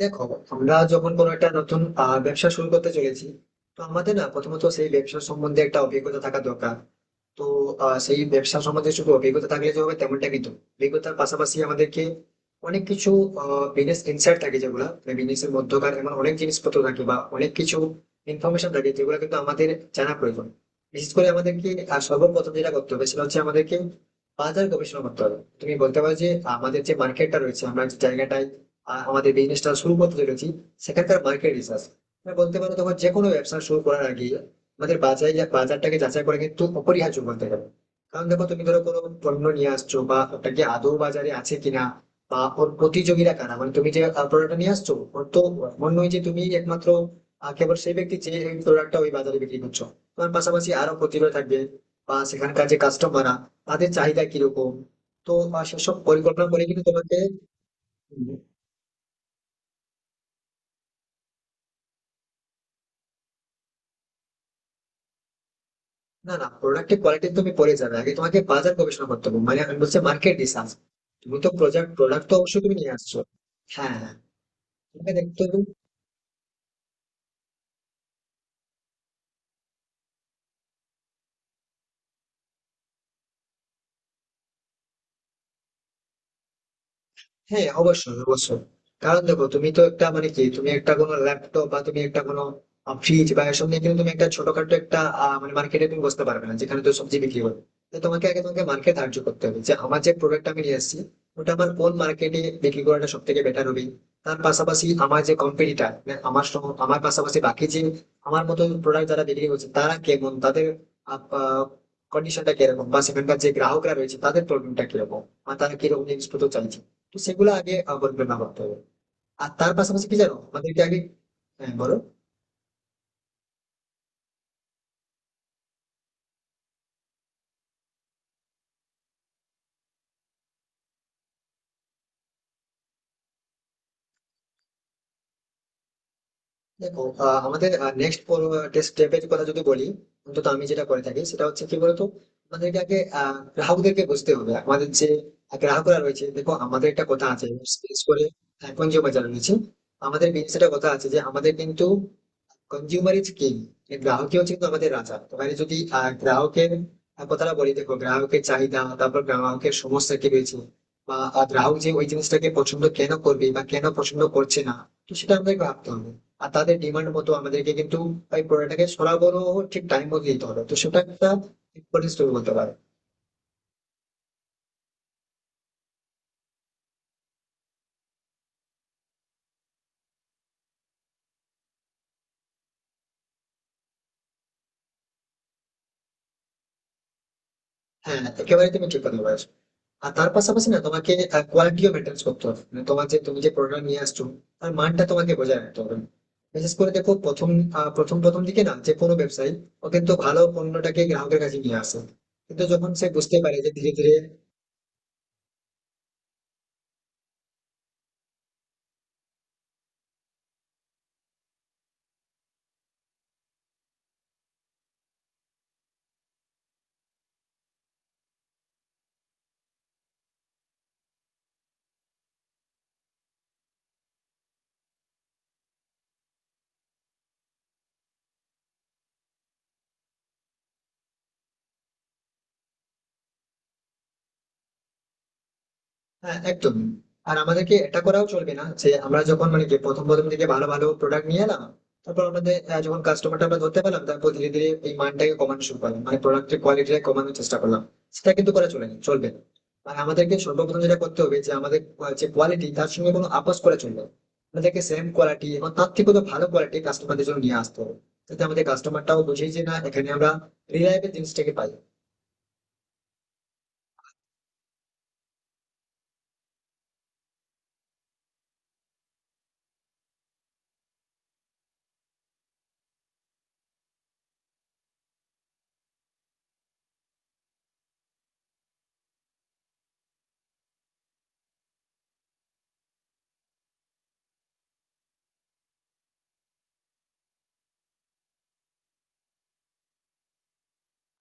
দেখো আমরা যখন কোনো একটা নতুন ব্যবসা শুরু করতে চলেছি। তো আমাদের না প্রথমত সেই ব্যবসা সম্বন্ধে একটা অভিজ্ঞতা থাকা দরকার। তো সেই ব্যবসা সম্বন্ধে শুধু অভিজ্ঞতা থাকলে যে হবে তেমনটা কিন্তু না। অভিজ্ঞতার পাশাপাশি আমাদেরকে অনেক কিছু বিজনেস ইনসাইট থাকে, যেগুলা বিজনেসের মধ্যকার এমন অনেক জিনিসপত্র থাকে বা অনেক কিছু ইনফরমেশন থাকে যেগুলো কিন্তু আমাদের জানা প্রয়োজন। বিশেষ করে আমাদেরকে সর্বপ্রথম যেটা করতে হবে সেটা হচ্ছে আমাদেরকে বাজার গবেষণা করতে হবে। তুমি বলতে পারো যে আমাদের যে মার্কেটটা রয়েছে, আমরা যে জায়গাটায় আমাদের বিজনেসটা শুরু করতে চলেছি, সেখানকার মার্কেট রিসার্চ, বলতে পারো তোমার যে কোনো ব্যবসা শুরু করার আগে আমাদের বাজার বাজারটাকে যাচাই করা কিন্তু অপরিহার্য বলতে গেলে। কারণ দেখো, তুমি ধরো কোনো পণ্য নিয়ে আসছো, বা ওটা কি আদৌ বাজারে আছে কিনা, বা ওর প্রতিযোগীরা কারা, মানে তুমি যে প্রোডাক্টটা নিয়ে আসছো ওর তো এমন নয় যে তুমি একমাত্র কেবল সেই ব্যক্তি যে প্রোডাক্টটা ওই বাজারে বিক্রি করছো। তোমার পাশাপাশি আরো প্রতিযোগী থাকবে, বা সেখানকার যে কাস্টমাররা তাদের চাহিদা কিরকম। তো সেসব পরিকল্পনা করে কিন্তু তোমাকে। না না, প্রোডাক্টের কোয়ালিটি তুমি পরে যাবে, আগে তোমাকে বাজার গবেষণা করতে হবে, মানে আমি বলছি মার্কেট রিসার্চ। তুমি তো প্রোডাক্ট, প্রোডাক্ট তো অবশ্যই তুমি নিয়ে আসছো। হ্যাঁ হ্যাঁ, তোমাকে দেখতে হবে। হ্যাঁ অবশ্যই অবশ্যই, কারণ দেখো তুমি তো একটা, মানে কি, তুমি একটা কোনো ল্যাপটপ বা তুমি একটা কোনো ফ্রিজ বা এসব নিয়ে কিন্তু তুমি একটা ছোটখাটো একটা মানে মার্কেটে তুমি বসতে পারবে না যেখানে তো সবজি বিক্রি হবে। তো তোমাকে আগে তোমাকে মার্কেট ধার্য করতে হবে যে আমার যে প্রোডাক্ট আমি নিয়ে আসছি, ওটা আমার কোন মার্কেটে বিক্রি করাটা সব থেকে বেটার হবে। তার পাশাপাশি আমার যে কোম্পানিটা, আমার আমার পাশাপাশি বাকি যে আমার মতো প্রোডাক্ট যারা বিক্রি করছে তারা কেমন, তাদের কন্ডিশনটা কিরকম, বা সেখানকার যে গ্রাহকরা রয়েছে তাদের প্রবলেমটা কিরকম, আর তারা কিরকম জিনিসপত্র চাইছে। তো সেগুলো আগে পরিকল্পনা করতে হবে। আর তার পাশাপাশি কি জানো, আমাদেরকে আগে। হ্যাঁ বলো। দেখো আমাদের নেক্সট স্টেপের কথা যদি বলি, অন্তত আমি যেটা করে থাকি সেটা হচ্ছে কি বলতো, আমাদেরকে আগে গ্রাহকদেরকে বুঝতে হবে। আমাদের যে গ্রাহকরা রয়েছে, দেখো আমাদের একটা কথা আছে, বিশেষ করে এখন যে বাজার রয়েছে, আমাদের বিশেষ একটা কথা আছে যে আমাদের কিন্তু কনজিউমার ইজ কিং, গ্রাহকই হচ্ছে কিন্তু আমাদের রাজা। তো মানে যদি গ্রাহকের কথাটা বলি, দেখো গ্রাহকের চাহিদা, তারপর গ্রাহকের সমস্যা কি রয়েছে, বা গ্রাহক যে ওই জিনিসটাকে পছন্দ কেন করবে বা কেন পছন্দ করছে না, তো সেটা আমাদেরকে ভাবতে হবে। আর তাদের ডিমান্ড মতো আমাদেরকে কিন্তু ওই প্রোডাক্টটাকে সরবরাহ ঠিক টাইম মতো দিতে হবে। তো সেটা একটা ইম্পর্টেন্ট স্টোরি বলতে পারো। হ্যাঁ একেবারে তুমি ঠিক কথা বলেছো। আর তার পাশাপাশি না তোমাকে কোয়ালিটিও মেনটেন করতে হবে, মানে তোমার যে, তুমি যে প্রোডাক্ট নিয়ে আসছো তার মানটা তোমাকে বজায় রাখতে হবে। বিশেষ করে দেখো প্রথম প্রথম প্রথম দিকে না যে কোনো ব্যবসায়ী ও কিন্তু ভালো পণ্যটাকে গ্রাহকের কাছে নিয়ে আসে, কিন্তু যখন সে বুঝতে পারে যে ধীরে ধীরে। হ্যাঁ একদম। আর আমাদেরকে এটা করাও চলবে না যে আমরা যখন, মানে কি, প্রথম প্রথম থেকে ভালো ভালো প্রোডাক্ট নিয়ে এলাম, তারপর আমাদের যখন কাস্টমারটা আমরা ধরতে পারলাম, তারপর ধীরে ধীরে এই মানটাকে কমানো শুরু করলাম, মানে প্রোডাক্টের কোয়ালিটিটা কমানোর চেষ্টা করলাম। সেটা কিন্তু করা চলে না, চলবে না। আর আমাদেরকে সর্বপ্রথম যেটা করতে হবে যে আমাদের যে কোয়ালিটি, তার সঙ্গে কোনো আপোষ করা চলবে না। আমাদেরকে সেম কোয়ালিটি এবং তার থেকেও তো ভালো কোয়ালিটি কাস্টমারদের জন্য নিয়ে আসতে হবে যাতে আমাদের কাস্টমারটাও বুঝে যে না, এখানে আমরা রিলায়েবল জিনিসটাকে পাই।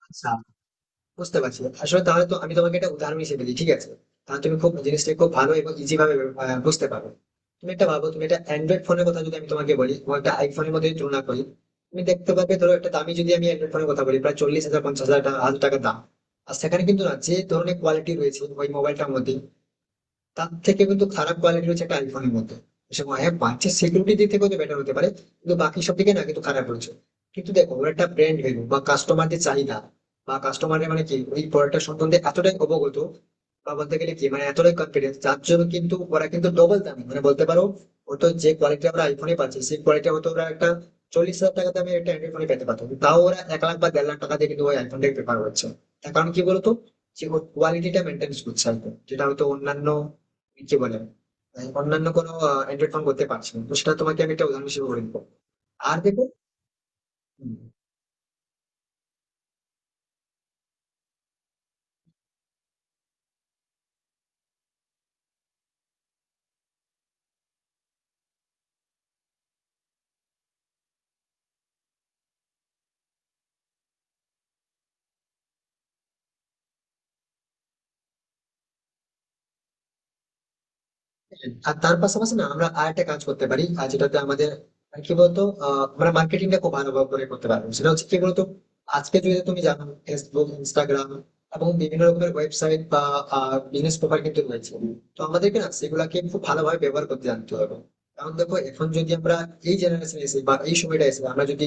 আচ্ছা, বুঝতে পারছি। আসলে তাহলে তো আমি তোমাকে একটা উদাহরণ হিসেবে দিই, ঠিক আছে? তাহলে তুমি খুব জিনিসটা খুব ভালো এবং ইজি ভাবে বুঝতে পারবে। তুমি একটা ভাবো, তুমি একটা অ্যান্ড্রয়েড ফোনের কথা যদি আমি তোমাকে বলি এবং একটা আইফোনের মধ্যে যদি তুলনা করি, তুমি দেখতে পাবে ধরো একটা দামি, যদি আমি অ্যান্ড্রয়েড ফোনের কথা বলি প্রায় 40,000 50,000 হাজার টাকা দাম। আর সেখানে কিন্তু না যে ধরনের কোয়ালিটি রয়েছে ওই মোবাইলটার মধ্যে, তার থেকে কিন্তু খারাপ কোয়ালিটি হচ্ছে একটা আইফোনের মধ্যে। সে হ্যাঁ, বাচ্চার সিকিউরিটি দিক থেকে হয়তো বেটার হতে পারে, কিন্তু বাকি সব দিকে না কিন্তু খারাপ হচ্ছে। কিন্তু দেখো ওর একটা ব্র্যান্ড ভ্যালু, বা কাস্টমারদের চাহিদা, বা কাস্টমারের মানে কি ওই প্রোডাক্টটা সম্বন্ধে এতটাই অবগত, বা বলতে গেলে কি, মানে এতটাই কনফিডেন্স, যার জন্য কিন্তু ওরা কিন্তু ডবল দামে, মানে বলতে পারো হয়তো যে কোয়ালিটি আমরা আইফোনে পাচ্ছি, সেই কোয়ালিটি হয়তো ওরা একটা 40,000 টাকা দামে একটা অ্যান্ড্রয়েড ফোনে পেতে পারতো, কিন্তু তাও ওরা 1 লাখ বা 1.5 লাখ টাকা দিয়ে কিন্তু ওই আইফোনটাকে প্রেফার করছে। তার কারণ কি বলতো? যে ওর কোয়ালিটিটা মেনটেন করছে একদম। যেটা হয়তো অন্যান্য, কি বলে, মানে অন্যান্য কোনো অ্যান্ড্রয়েড ফোন করতে পারছি না। তো সেটা তোমাকে আমি একটা উদাহরণ হিসেবে বলে দিবো। আর দেখো। হুম, আর তার পাশাপাশি না, আমরা আর একটা কাজ করতে পারি, আর যেটাতে আমাদের কি বলতো, আমরা মার্কেটিংটা খুব ভালোভাবে করে করতে পারবো, সেটা হচ্ছে কি বলতো, আজকে যদি তুমি জানো ফেসবুক, ইনস্টাগ্রাম এবং বিভিন্ন রকমের ওয়েবসাইট বা বিজনেস পেপার কিন্তু রয়েছে। তো আমাদেরকে না সেগুলাকে খুব ভালোভাবে ব্যবহার করতে জানতে হবে। কারণ দেখো, এখন যদি আমরা এই জেনারেশন এসে বা এই সময়টা এসে, আমরা যদি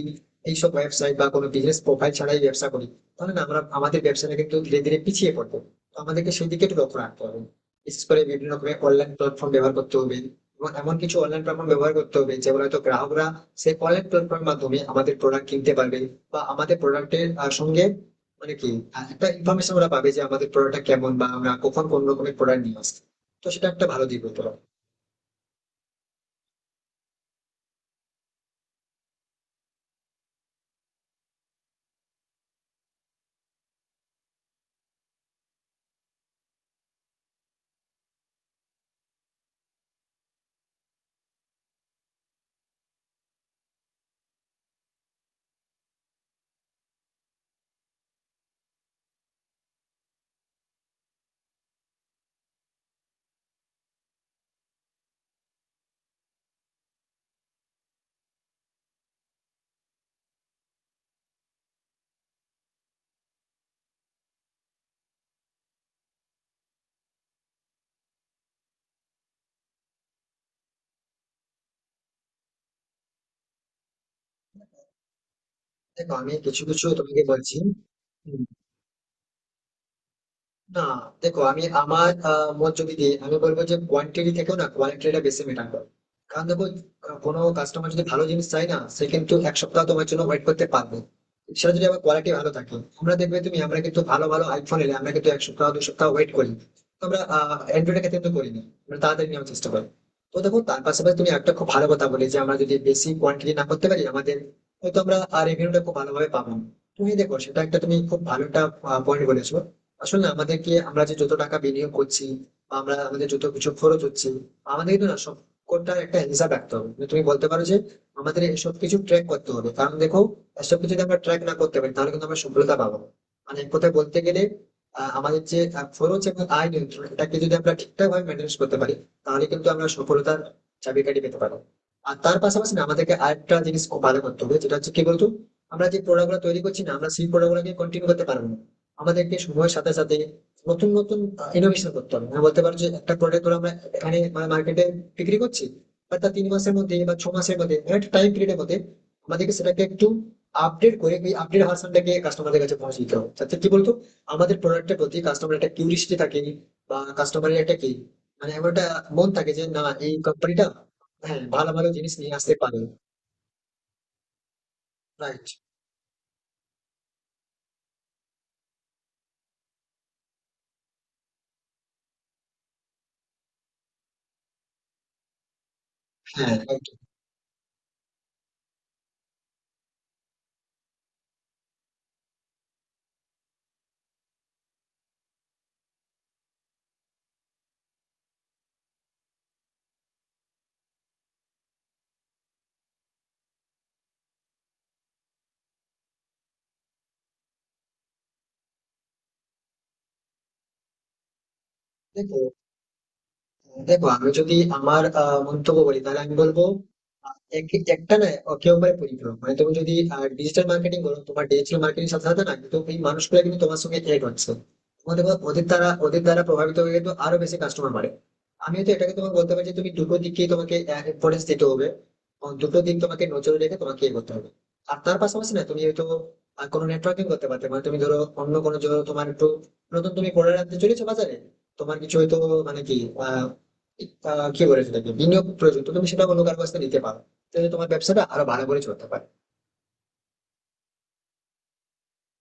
এইসব ওয়েবসাইট বা কোনো বিজনেস প্রোফাইল ছাড়াই ব্যবসা করি, তাহলে না আমরা আমাদের ব্যবসাটা কিন্তু ধীরে ধীরে পিছিয়ে পড়বো। তো আমাদেরকে সেই দিকে একটু লক্ষ্য রাখতে হবে, বিশেষ করে বিভিন্ন রকমের অনলাইন প্ল্যাটফর্ম ব্যবহার করতে হবে, এবং এমন কিছু অনলাইন প্ল্যাটফর্ম ব্যবহার করতে হবে যেগুলো হয়তো গ্রাহকরা সেই অনলাইন প্ল্যাটফর্মের মাধ্যমে আমাদের প্রোডাক্ট কিনতে পারবে, বা আমাদের প্রোডাক্টের সঙ্গে, মানে কি, একটা ইনফরমেশন ওরা পাবে যে আমাদের প্রোডাক্টটা কেমন, বা আমরা কখন কোন রকমের প্রোডাক্ট নিয়ে আসছি। তো সেটা একটা ভালো দিক হতে পারে। দেখো আমি কিছু কিছু তোমাকে বলছি। হুম, না, দেখো আমি আমার মত যদি দিই, আমি বলবো যে কোয়ান্টিটি থেকেও না কোয়ালিটিটা বেশি ম্যাটার করে। কারণ দেখো, কোনো কাস্টমার যদি ভালো জিনিস চাই না, সে কিন্তু এক সপ্তাহ তোমার জন্য ওয়েট করতে পারবে সেটা যদি আমার কোয়ালিটি ভালো থাকে। আমরা দেখবে তুমি, আমরা কিন্তু ভালো ভালো আইফোন এলে আমরা কিন্তু এক সপ্তাহ 2 সপ্তাহ ওয়েট করি। তো আমরা অ্যান্ড্রয়েডের ক্ষেত্রে কিন্তু করি না, আমরা তাড়াতাড়ি নেওয়ার চেষ্টা করি। তো দেখো তার পাশাপাশি তুমি একটা খুব ভালো কথা বলে যে আমরা যদি বেশি কোয়ান্টিটি না করতে পারি আমাদের, হয়তো আমরা রেভিনিউটা খুব ভালোভাবে পাবো না। তুমি দেখো সেটা একটা, তুমি খুব ভালো একটা পয়েন্ট বলেছো। আসলে আমাদেরকে আমরা যে যত টাকা বিনিয়োগ করছি বা আমরা আমাদের যত কিছু খরচ হচ্ছে, আমাদের কিন্তু না সবকটার একটা হিসাব রাখতে হবে, মানে তুমি বলতে পারো যে আমাদের এসব কিছু ট্র্যাক করতে হবে। কারণ দেখো, এসব কিছু যদি আমরা ট্র্যাক না করতে পারি তাহলে কিন্তু আমরা সফলতা পাবো না। মানে এক কথায় বলতে গেলে আমাদের যে খরচ এবং আয় নিয়ন্ত্রণ, এটাকে যদি আমরা ঠিকঠাক ভাবে মেনটেন করতে পারি, তাহলে কিন্তু আমরা সফলতার চাবিকাঠি পেতে পারবো। আর তার পাশাপাশি না আমাদেরকে আরেকটা জিনিস খুব ভালো করতে হবে, যেটা হচ্ছে কি বলতো, আমরা যে প্রোডাক্ট গুলো তৈরি করছি না, আমরা সেই প্রোডাক্ট গুলোকে কন্টিনিউ করতে পারবো না। আমাদেরকে সময়ের সাথে সাথে নতুন নতুন ইনোভেশন করতে হবে। আমি বলতে পারো যে একটা প্রোডাক্ট আমরা এখানে, মানে মার্কেটে বিক্রি করছি, বাট তার তিন মাসের মধ্যে বা ছ মাসের মধ্যে, মানে একটা টাইম পিরিয়ডের মধ্যে আমাদেরকে সেটাকে একটু আপডেট করে ওই আপডেট ভার্সনটাকে কাস্টমারদের কাছে পৌঁছে দিতে হবে, যাতে কি বলতো, আমাদের প্রোডাক্টের প্রতি কাস্টমার একটা কিউরিয়াসিটি থাকে, বা কাস্টমারের একটা কি, মানে এমন একটা মন থাকে যে না, এই কোম্পানিটা হ্যাঁ ভালো ভালো জিনিস নিয়ে আসতে পারে। রাইট। হ্যাঁ right. দেখো দেখো আমি যদি আমার মন্তব্য বলি, তাহলে আমি বলবো একটা না একেবারে পরিপূরক, মানে তুমি যদি ডিজিটাল মার্কেটিং করো তোমার ডিজিটাল মার্কেটিং সাথে সাথে না কিন্তু এই মানুষগুলো কিন্তু তোমার সঙ্গে এড হচ্ছে। তোমার দেখো ওদের দ্বারা প্রভাবিত হয়ে কিন্তু আরো বেশি কাস্টমার বাড়ে। আমি তো এটাকে তোমাকে বলতে পারি যে তুমি দুটো দিককেই তোমাকে ইম্পর্টেন্স দিতে হবে, এবং দুটো দিক তোমাকে নজরে রেখে তোমাকে এ করতে হবে। আর তার পাশাপাশি না তুমি হয়তো কোনো নেটওয়ার্কিং করতে পারতে, মানে তুমি ধরো অন্য কোনো, ধরো তোমার একটু নতুন তুমি প্রোডাক্ট আনতে চলেছো বাজারে, তোমার কিছু হয়তো, মানে কি, আহ আহ, কি বলে সেটাকে বিনিয়োগ প্রয়োজন, তো তুমি সেটা অন্য কারো কাছ থেকে নিতে পারো, তাহলে তোমার ব্যবসাটা আরো ভালো করে চলতে পারে।